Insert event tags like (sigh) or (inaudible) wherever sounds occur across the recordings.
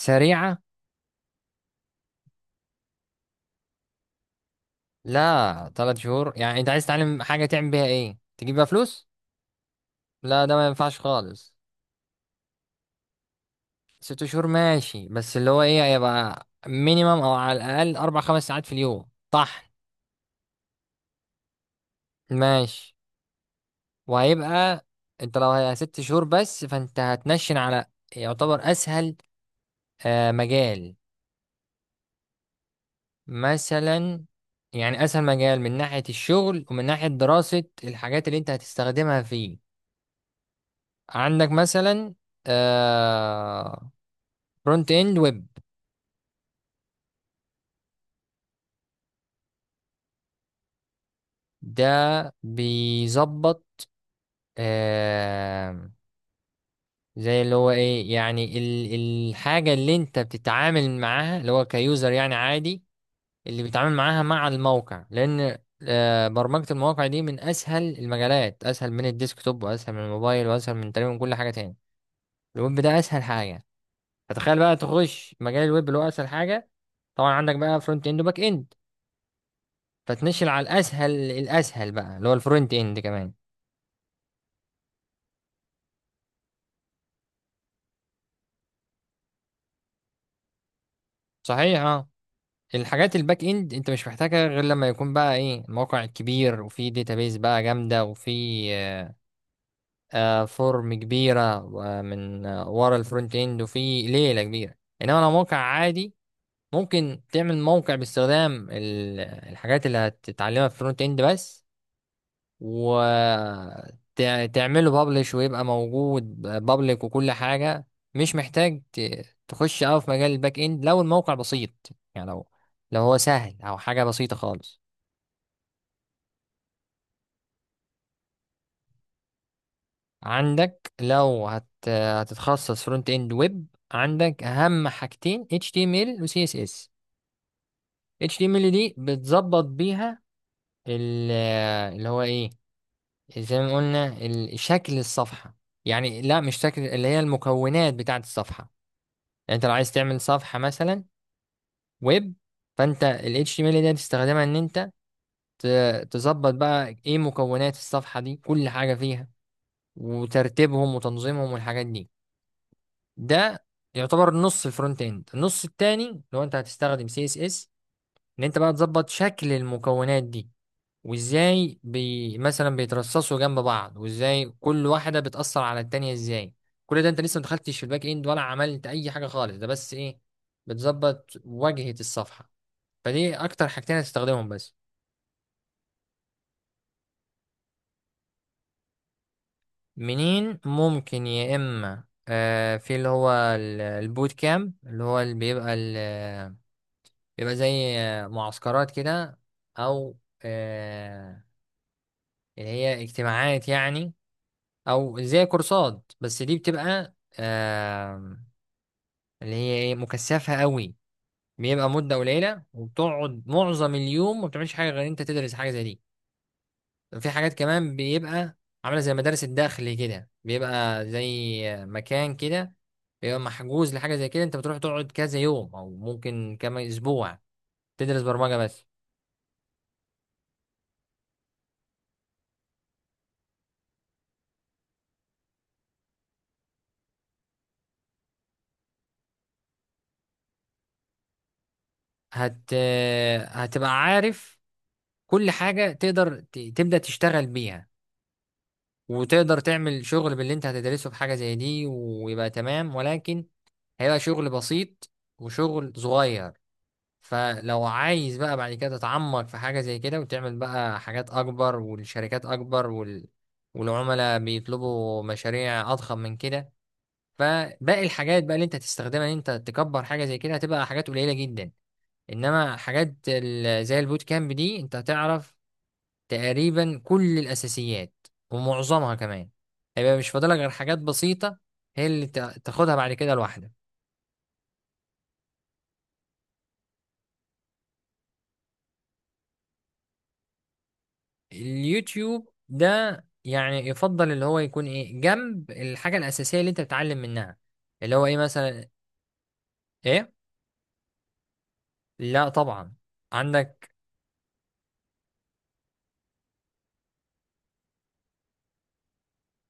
سريعة. لا ثلاث شهور، يعني انت عايز تتعلم حاجة تعمل بيها ايه تجيب بيها فلوس. لا ده ما ينفعش خالص. ست شهور ماشي، بس اللي هو ايه هيبقى مينيمم او على الاقل اربع خمس ساعات في اليوم طحن. ماشي. وهيبقى انت لو هي ست شهور بس فانت هتنشن على يعتبر اسهل. مجال مثلا، يعني اسهل مجال من ناحية الشغل ومن ناحية دراسة الحاجات اللي انت هتستخدمها فيه. عندك مثلا، آه، فرونت اند ويب. ده بيظبط. آه زي اللي هو ايه، يعني الحاجة اللي انت بتتعامل معاها اللي هو كيوزر، يعني عادي اللي بيتعامل معاها مع الموقع. لان برمجة المواقع دي من اسهل المجالات، اسهل من الديسكتوب واسهل من الموبايل واسهل من تقريبا كل حاجة تاني. الويب ده اسهل حاجة. فتخيل بقى تخش مجال الويب اللي هو اسهل حاجة. طبعا عندك بقى فرونت اند وباك اند، فتنشل على الاسهل الاسهل بقى اللي هو الفرونت اند كمان. صحيح اه. الحاجات الباك اند انت مش محتاجها غير لما يكون بقى ايه الموقع الكبير وفي داتابيز بقى جامده وفي فورم كبيره من ورا الفرونت اند وفي ليله كبيره. انما لو موقع عادي، ممكن تعمل موقع باستخدام الحاجات اللي هتتعلمها في الفرونت اند بس، وتعمله بابليش ويبقى موجود بابليك وكل حاجة. مش محتاج تخش أوي في مجال الباك إند لو الموقع بسيط، يعني لو هو سهل أو حاجة بسيطة خالص. عندك لو هتتخصص فرونت إند ويب، عندك أهم حاجتين HTML و CSS. HTML دي بتظبط بيها ال- اللي هو إيه، زي ما قلنا شكل الصفحة، يعني لا مش شكل، اللي هي المكونات بتاعة الصفحة. يعني انت لو عايز تعمل صفحة مثلا ويب، فانت ال HTML دي هتستخدمها ان انت تظبط بقى ايه مكونات الصفحة دي، كل حاجة فيها وترتيبهم وتنظيمهم والحاجات دي. ده يعتبر نص الفرونت اند. النص التاني لو انت هتستخدم CSS، ان انت بقى تظبط شكل المكونات دي، وازاي بي مثلا بيترصصوا جنب بعض، وازاي كل واحدة بتأثر على التانية ازاي. كل ده انت لسه ما دخلتش في الباك اند ولا عملت اي حاجة خالص، ده بس ايه بتظبط واجهة الصفحة. فدي اكتر حاجتين هتستخدمهم بس. منين؟ ممكن يا اما في اللي هو البوت كام، اللي هو اللي بيبقى بيبقى زي معسكرات كده، او اللي هي اجتماعات يعني، او زي كورسات. بس دي بتبقى اللي هي ايه مكثفة قوي. بيبقى مدة قليلة وبتقعد معظم اليوم ما بتعملش حاجة غير انت تدرس حاجة زي دي. في حاجات كمان بيبقى عاملة زي مدارس الداخل كده، بيبقى زي مكان كده بيبقى محجوز لحاجة زي كده، انت بتروح تقعد كذا يوم او ممكن كمان اسبوع تدرس برمجة بس. هت هتبقى عارف كل حاجة، تقدر ت... تبدأ تشتغل بيها، وتقدر تعمل شغل باللي انت هتدرسه في حاجة زي دي ويبقى تمام، ولكن هيبقى شغل بسيط وشغل صغير. فلو عايز بقى بعد كده تتعمق في حاجة زي كده وتعمل بقى حاجات أكبر والشركات أكبر وال... والعملاء بيطلبوا مشاريع أضخم من كده، فباقي الحاجات بقى اللي أنت هتستخدمها إن أنت تكبر حاجة زي كده هتبقى حاجات قليلة جدا. إنما حاجات ال... زي البوت كامب دي أنت هتعرف تقريبا كل الأساسيات ومعظمها كمان، هيبقى مش فاضلك غير حاجات بسيطة هي اللي تاخدها بعد كده لوحدك. اليوتيوب ده يعني يفضل اللي هو يكون ايه جنب الحاجة الأساسية اللي انت بتتعلم منها، اللي هو ايه مثلا. ايه؟ لا طبعا. عندك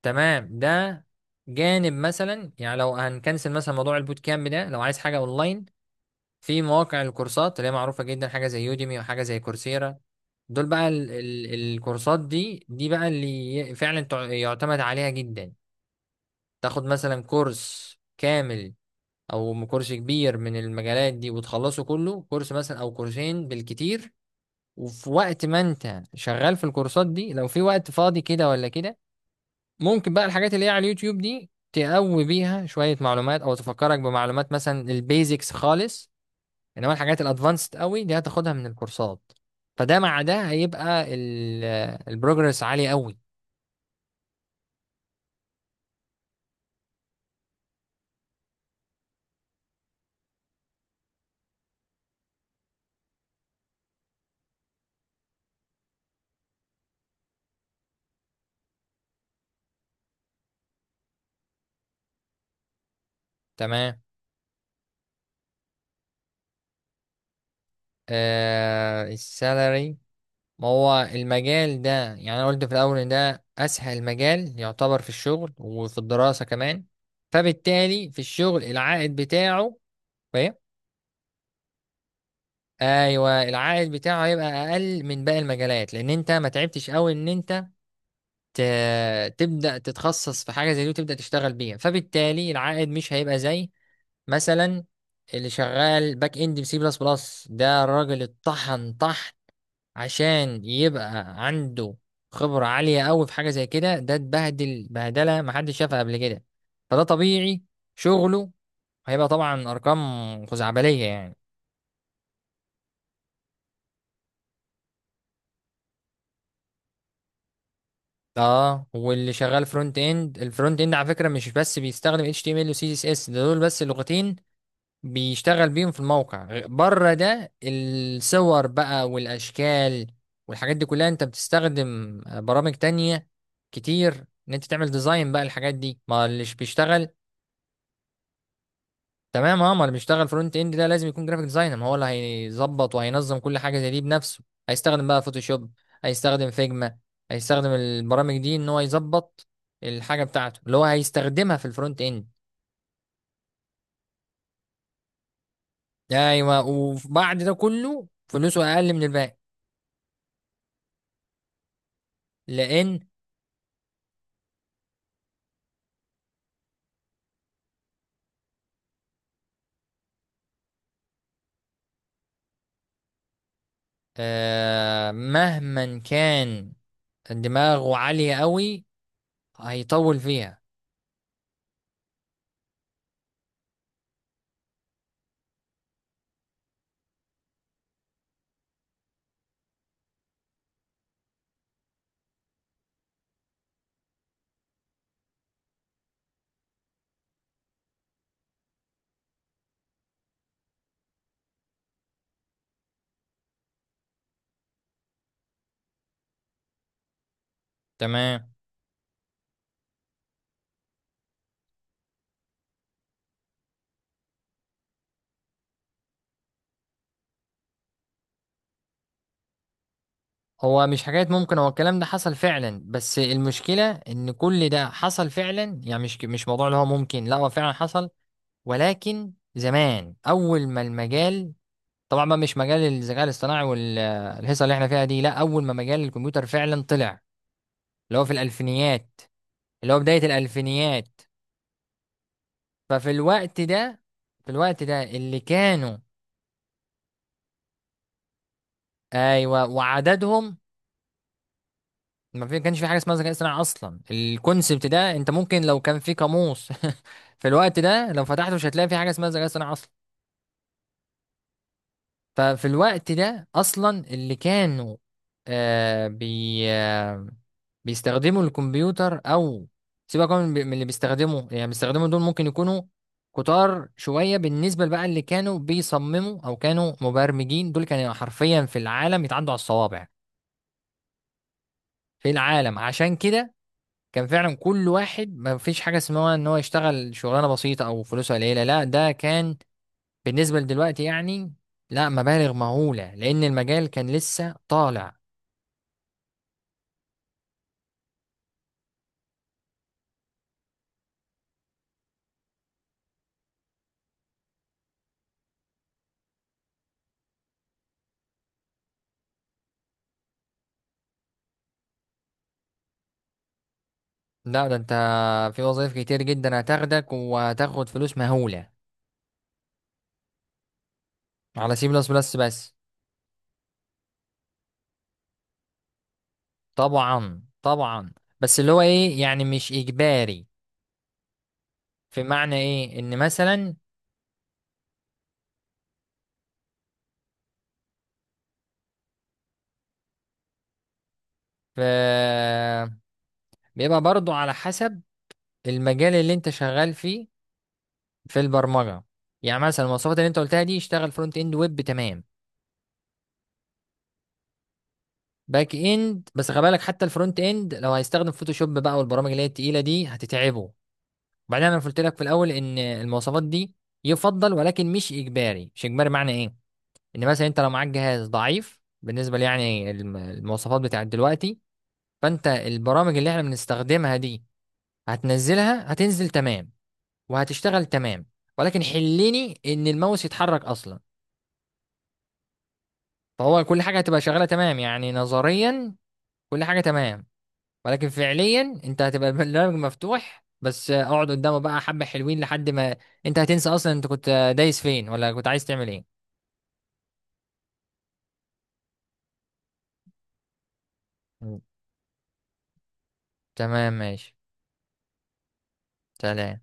تمام، ده جانب مثلا. يعني لو هنكنسل مثلا موضوع البوت كامب ده، لو عايز حاجة اونلاين، في مواقع الكورسات اللي هي معروفة جدا، حاجة زي يوديمي وحاجة زي كورسيرا. دول بقى ال ال الكورسات دي، دي بقى اللي فعلا يعتمد عليها جدا. تاخد مثلا كورس كامل او كورس كبير من المجالات دي وتخلصه كله، كورس مثلا او كورسين بالكتير. وفي وقت ما انت شغال في الكورسات دي، لو في وقت فاضي كده ولا كده، ممكن بقى الحاجات اللي هي على اليوتيوب دي تقوي بيها شوية معلومات او تفكرك بمعلومات، مثلا البيزكس خالص. انما الحاجات الادفانسد قوي دي هتاخدها من الكورسات. فده مع ده هيبقى البروجرس عالي قوي. تمام. السالري. ما هو المجال ده، يعني انا قلت في الاول ان ده اسهل مجال يعتبر في الشغل وفي الدراسه كمان، فبالتالي في الشغل العائد بتاعه. فاهم. ايوه، العائد بتاعه هيبقى اقل من باقي المجالات، لان انت ما تعبتش قوي ان انت ت... تبدا تتخصص في حاجه زي دي وتبدا تشتغل بيها، فبالتالي العائد مش هيبقى زي مثلا اللي شغال باك اند بسي بلس بلس. ده الراجل اتطحن طحن عشان يبقى عنده خبرة عالية قوي في حاجة زي كده. ده اتبهدل بهدلة محدش شافها قبل كده. فده طبيعي شغله هيبقى طبعا أرقام خزعبلية يعني. اه، واللي شغال فرونت اند، الفرونت اند على فكرة مش بس بيستخدم HTML و CSS. ده دول بس لغتين بيشتغل بيهم في الموقع. بره ده الصور بقى والأشكال والحاجات دي كلها انت بتستخدم برامج تانية كتير ان انت تعمل ديزاين بقى الحاجات دي، ما الليش بيشتغل تمام. اه، ما اللي بيشتغل فرونت اند ده لازم يكون جرافيك ديزاينر، ما هو اللي هيظبط وهينظم كل حاجه زي دي بنفسه. هيستخدم بقى فوتوشوب، هيستخدم فيجما، هيستخدم البرامج دي ان هو يظبط الحاجه بتاعته اللي هو هيستخدمها في الفرونت اند. ايوه، وبعد ده كله فلوسه اقل من الباقي، لان مهما كان دماغه عاليه قوي هيطول فيها. تمام. هو مش حكاية ممكن، هو الكلام ده حصل فعلا. بس المشكلة ان كل ده حصل فعلا، يعني مش موضوع اللي هو ممكن، لا هو فعلا حصل. ولكن زمان اول ما المجال، طبعا ما مش مجال الذكاء الاصطناعي والهيصة اللي احنا فيها دي، لا اول ما مجال الكمبيوتر فعلا طلع، اللي هو في الالفينيات، اللي هو بداية الالفينيات. ففي الوقت ده، في الوقت ده اللي كانوا، ايوه وعددهم، ما كانش في حاجه اسمها ذكاء اصطناعي اصلا. الكونسبت ده انت ممكن لو كان في قاموس (laughs) في الوقت ده لو فتحته مش هتلاقي في حاجه اسمها ذكاء اصطناعي اصلا. ففي الوقت ده اصلا اللي كانوا، آه بي آه بيستخدموا الكمبيوتر، او سيبك من اللي بيستخدموا، يعني بيستخدموا دول ممكن يكونوا كتار شويه. بالنسبه بقى اللي كانوا بيصمموا او كانوا مبرمجين، دول كانوا حرفيا في العالم يتعدوا على الصوابع في العالم. عشان كده كان فعلا كل واحد ما فيش حاجة اسمها ان هو يشتغل شغلانة بسيطة او فلوسه قليلة، لا ده كان بالنسبة لدلوقتي يعني لا، مبالغ مهولة، لان المجال كان لسه طالع. لا ده انت في وظائف كتير جدا هتاخدك وهتاخد فلوس مهولة على سي بلس بلس بس. طبعا طبعا، بس اللي هو ايه يعني مش اجباري. في معنى ايه ان مثلا، ف- بيبقى برضو على حسب المجال اللي انت شغال فيه في البرمجه. يعني مثلا المواصفات اللي انت قلتها دي يشتغل فرونت اند ويب تمام. باك اند بس خلي بالك، حتى الفرونت اند لو هيستخدم فوتوشوب بقى والبرامج اللي هي التقيله دي هتتعبه. وبعدين انا قلت لك في الاول ان المواصفات دي يفضل ولكن مش اجباري. مش اجباري معنى ايه، ان مثلا انت لو معاك جهاز ضعيف بالنسبه لي، يعني المواصفات بتاعت دلوقتي، فانت البرامج اللي احنا بنستخدمها دي هتنزلها، هتنزل تمام وهتشتغل تمام، ولكن حلني ان الماوس يتحرك اصلا. فهو كل حاجة هتبقى شغالة تمام، يعني نظريا كل حاجة تمام، ولكن فعليا انت هتبقى البرنامج مفتوح بس اقعد قدامه بقى حبة حلوين لحد ما انت هتنسى اصلا انت كنت دايس فين ولا كنت عايز تعمل ايه. مم. تمام ماشي. سلام.